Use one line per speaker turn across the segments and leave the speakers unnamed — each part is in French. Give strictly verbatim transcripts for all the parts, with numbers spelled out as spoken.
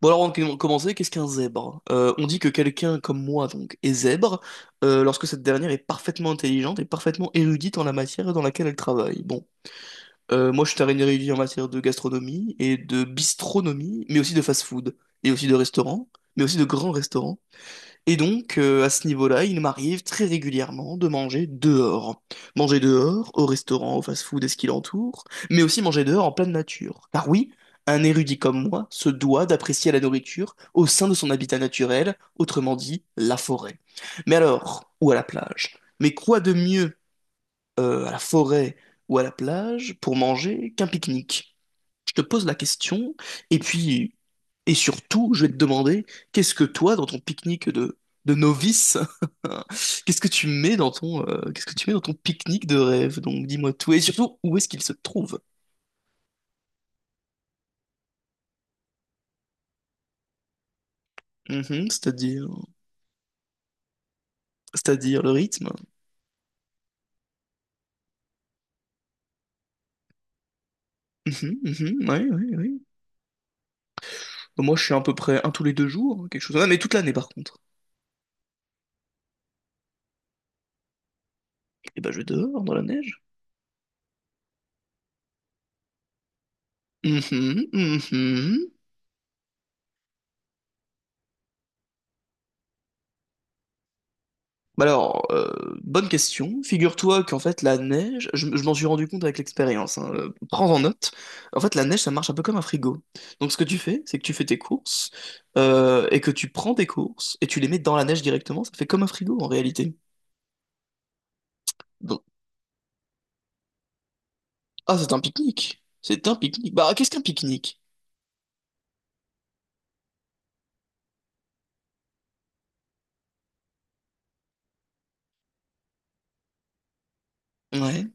Bon alors on de commencer, qu'est-ce qu'un zèbre? Euh, on dit que quelqu'un comme moi donc est zèbre euh, lorsque cette dernière est parfaitement intelligente et parfaitement érudite en la matière dans laquelle elle travaille. Bon, Euh, moi je suis un érudit en matière de gastronomie et de bistronomie, mais aussi de fast-food, et aussi de restaurant, mais aussi de grands restaurants. Et donc, euh, à ce niveau-là, il m'arrive très régulièrement de manger dehors. Manger dehors, au restaurant, au fast-food et ce qui l'entoure, mais aussi manger dehors en pleine nature. Car oui, un érudit comme moi se doit d'apprécier la nourriture au sein de son habitat naturel, autrement dit, la forêt. Mais alors, ou à la plage? Mais quoi de mieux, euh, à la forêt ou à la plage pour manger qu'un pique-nique? Je te pose la question, et puis, et surtout, je vais te demander, qu'est-ce que toi, dans ton pique-nique de, de novice, qu'est-ce que tu mets dans ton, euh, qu'est-ce que tu mets dans ton pique-nique de rêve? Donc, dis-moi tout, et surtout, où est-ce qu'il se trouve? Mhm, c'est-à-dire, c'est-à-dire le rythme. Mhm, mhm, ouais, ouais, ouais. Bah, moi, je suis à peu près un tous les deux jours, quelque chose. Ah, mais toute l'année, par contre. Et ben, je dors dans la neige. Mhm, mhm. Bah alors, euh, bonne question. Figure-toi qu'en fait, la neige, je, je m'en suis rendu compte avec l'expérience, hein, euh, prends en note. En fait, la neige, ça marche un peu comme un frigo. Donc, ce que tu fais, c'est que tu fais tes courses euh, et que tu prends tes courses et tu les mets dans la neige directement. Ça fait comme un frigo en réalité. Donc, ah, c'est un pique-nique. C'est un pique-nique. Bah, qu'est-ce qu'un pique-nique? Ouais.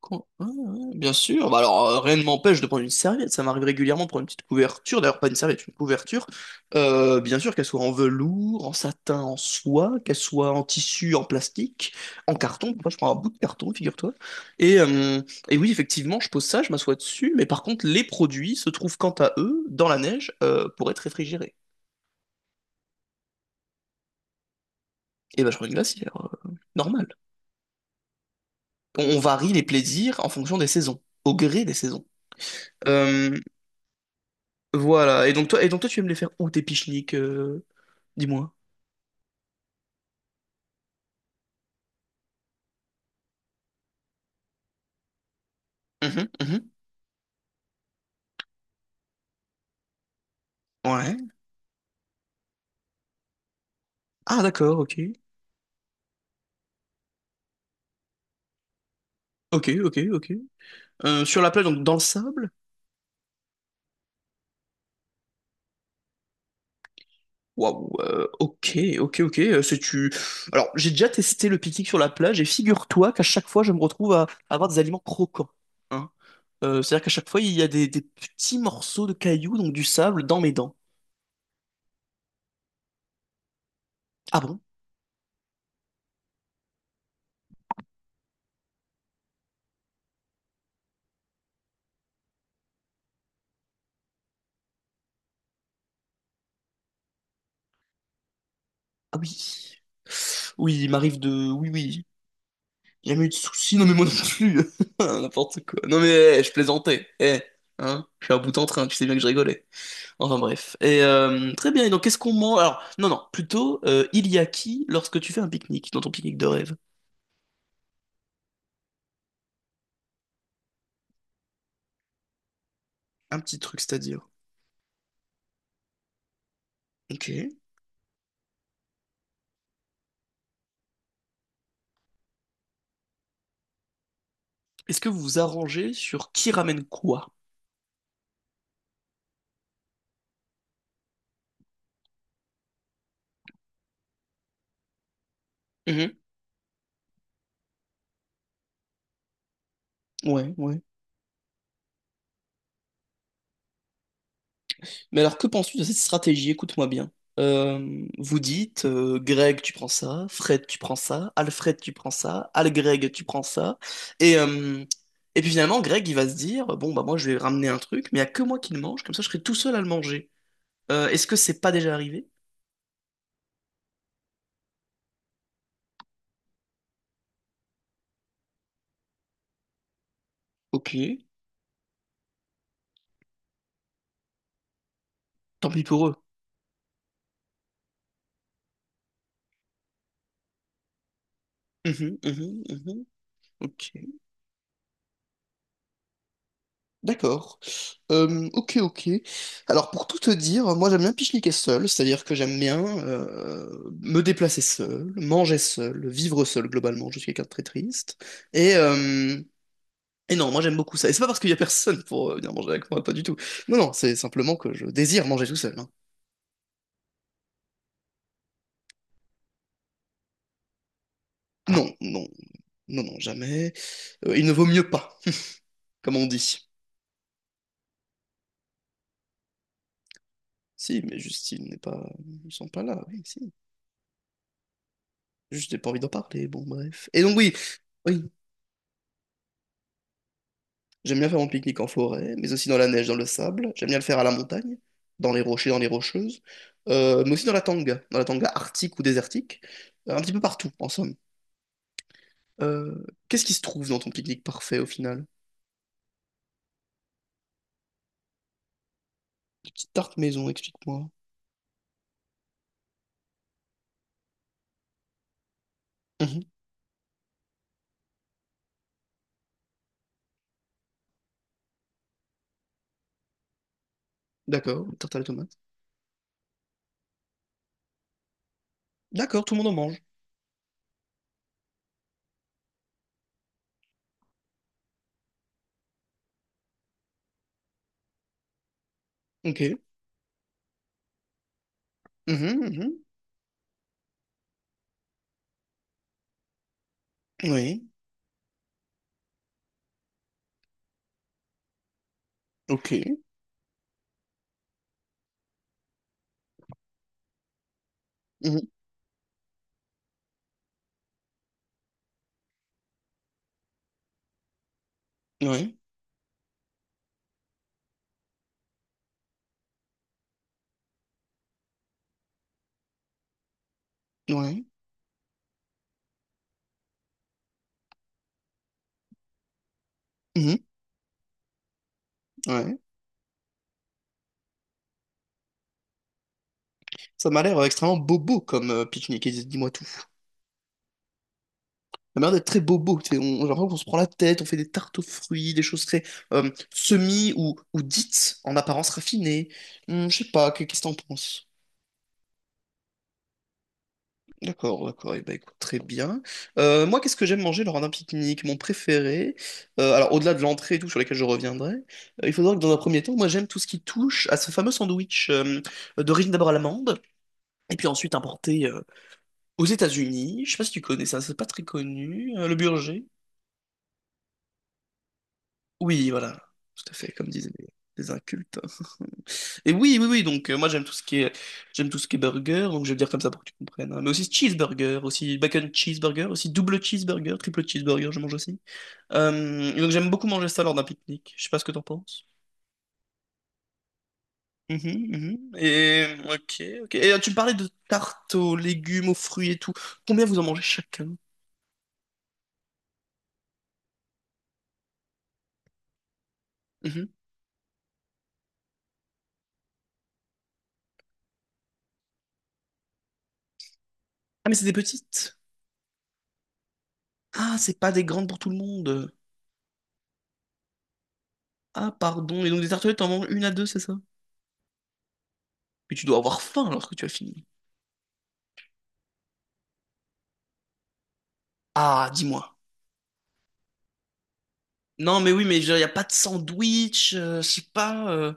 Quand ouais, ouais, bien sûr. Bah alors, euh, rien ne m'empêche de prendre une serviette. Ça m'arrive régulièrement de prendre une petite couverture. D'ailleurs, pas une serviette, une couverture. Euh, bien sûr, qu'elle soit en velours, en satin, en soie, qu'elle soit en tissu, en plastique, en carton. Moi, je prends un bout de carton, figure-toi. Et, euh, et oui, effectivement, je pose ça, je m'assois dessus. Mais par contre, les produits se trouvent quant à eux dans la neige euh, pour être réfrigérés. Et ben, je prends une glacière. euh, Normal. On, on varie les plaisirs en fonction des saisons, au gré des saisons. Euh, Voilà. Et donc toi, et donc toi, tu aimes les faire où tes pique-niques, euh, dis-moi. Mhm, mhm. Ouais. Ah d'accord, ok. Ok, ok, ok. Euh, sur la plage, donc dans le sable? Waouh, euh, ok, ok, ok. euh, C'est tu. Alors, j'ai déjà testé le pique-nique sur la plage et figure-toi qu'à chaque fois, je me retrouve à, à avoir des aliments croquants. Hein. Euh, c'est-à-dire qu'à chaque fois, il y a des, des petits morceaux de cailloux, donc du sable, dans mes dents. Ah bon? Ah oui. Oui, il m'arrive de. Oui, oui. Jamais eu de soucis, non mais moi non plus. N'importe quoi. Non mais eh, je plaisantais. Eh, hein, je suis à bout en train, tu sais bien que je rigolais. Enfin bref. Et euh, très bien, et donc qu'est-ce qu'on mange? Alors, non, non, plutôt, euh, Il y a qui lorsque tu fais un pique-nique, dans ton pique-nique de rêve? Un petit truc, c'est-à-dire. Ok. Est-ce que vous vous arrangez sur qui ramène quoi? Mhm. Ouais, ouais. Mais alors, que penses-tu de cette stratégie? Écoute-moi bien. Euh, vous dites, euh, Greg, tu prends ça, Fred, tu prends ça, Alfred, tu prends ça, Al-Greg, tu prends ça. Et, euh, et puis finalement, Greg, il va se dire, bon, bah moi, je vais ramener un truc, mais il n'y a que moi qui le mange, comme ça, je serai tout seul à le manger. Euh, est-ce que c'est pas déjà arrivé? Ok, tant pis pour eux. Mhm, mhm, mhm. Ok. D'accord. Euh, ok, ok. Alors pour tout te dire, moi j'aime bien pique-niquer seul, c'est-à-dire que j'aime bien euh, me déplacer seul, manger seul, vivre seul globalement. Je suis quelqu'un de très triste. Et, euh, et non, moi j'aime beaucoup ça. Et c'est pas parce qu'il y a personne pour euh, venir manger avec moi, pas du tout. Non, non, c'est simplement que je désire manger tout seul. Hein. Non, non, non, non, jamais. Euh, il ne vaut mieux pas, comme on dit. Si, mais juste ils n'est pas, ils sont pas là. Oui, si. Juste j'ai pas envie d'en parler. Bon, bref. Et donc oui. Oui, j'aime bien faire mon pique-nique en forêt, mais aussi dans la neige, dans le sable. J'aime bien le faire à la montagne, dans les rochers, dans les rocheuses. Euh, mais aussi dans la tanga, dans la tanga arctique ou désertique. Euh, un petit peu partout, en somme. Euh, Qu'est-ce qui se trouve dans ton pique-nique parfait au final? Des petites tartes maison, explique-moi. Mhm. D'accord, une tarte à la tomate. D'accord, tout le monde en mange. Ok. Mhm, mhm. Oui. Ok. Mhm. Oui. Oui. Mhm. Ouais. Ça m'a l'air euh, extrêmement bobo comme euh, pique-nique, et dis-moi tout. Ça m'a l'air d'être très bobo. Tu sais, on, j'ai l'impression qu'on se prend la tête, on fait des tartes aux fruits, des choses très euh, semi ou, ou dites en apparence raffinées. Hum, je sais pas, que- qu'est-ce que t'en penses? D'accord, d'accord, et ben écoute, très bien. Euh, moi, qu'est-ce que j'aime manger lors d'un pique-nique? Mon préféré, euh, alors au-delà de l'entrée et tout, sur lesquelles je reviendrai, euh, il faut savoir que dans un premier temps, moi j'aime tout ce qui touche à ce fameux sandwich euh, d'origine d'abord à l'amande, et puis ensuite importé euh, aux États-Unis. Je sais pas si tu connais ça, c'est pas très connu, euh, le burger. Oui, voilà, tout à fait, comme disaient les, les incultes. Et oui, oui, oui, donc euh, moi j'aime tout ce qui est j'aime tout ce qui est burger, donc je vais le dire comme ça pour que tu comprennes. Hein. Mais aussi cheeseburger, aussi bacon cheeseburger, aussi double cheeseburger, triple cheeseburger, je mange aussi. Euh, et donc j'aime beaucoup manger ça lors d'un pique-nique. Je sais pas ce que t'en penses. Mhm, mhm. Et ok, ok. Et euh, tu me parlais de tartes aux légumes, aux fruits et tout. Combien vous en mangez chacun? Mhm. Ah mais c'est des petites. Ah, c'est pas des grandes pour tout le monde. Ah pardon. Et donc des tartelettes, t'en manges une à deux, c'est ça? Mais tu dois avoir faim alors que tu as fini. Ah, dis-moi. Non, mais oui, mais il n'y a pas de sandwich, euh, je sais pas. euh.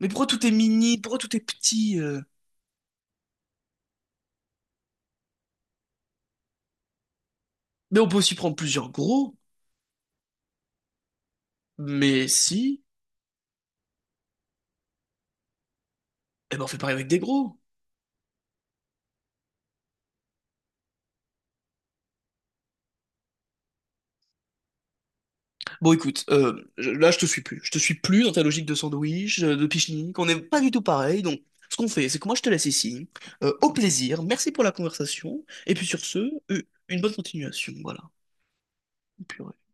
Mais pourquoi tout est mini? Pourquoi tout est petit? euh Mais on peut aussi prendre plusieurs gros. Mais si, eh ben on fait pareil avec des gros. Bon, écoute, euh, je- là, je te suis plus. Je te suis plus dans ta logique de sandwich, euh, de pique-nique. On n'est pas du tout pareil. Donc, ce qu'on fait, c'est que moi, je te laisse ici. Euh, au plaisir. Merci pour la conversation. Et puis, sur ce, euh, une bonne continuation. Voilà. Purée.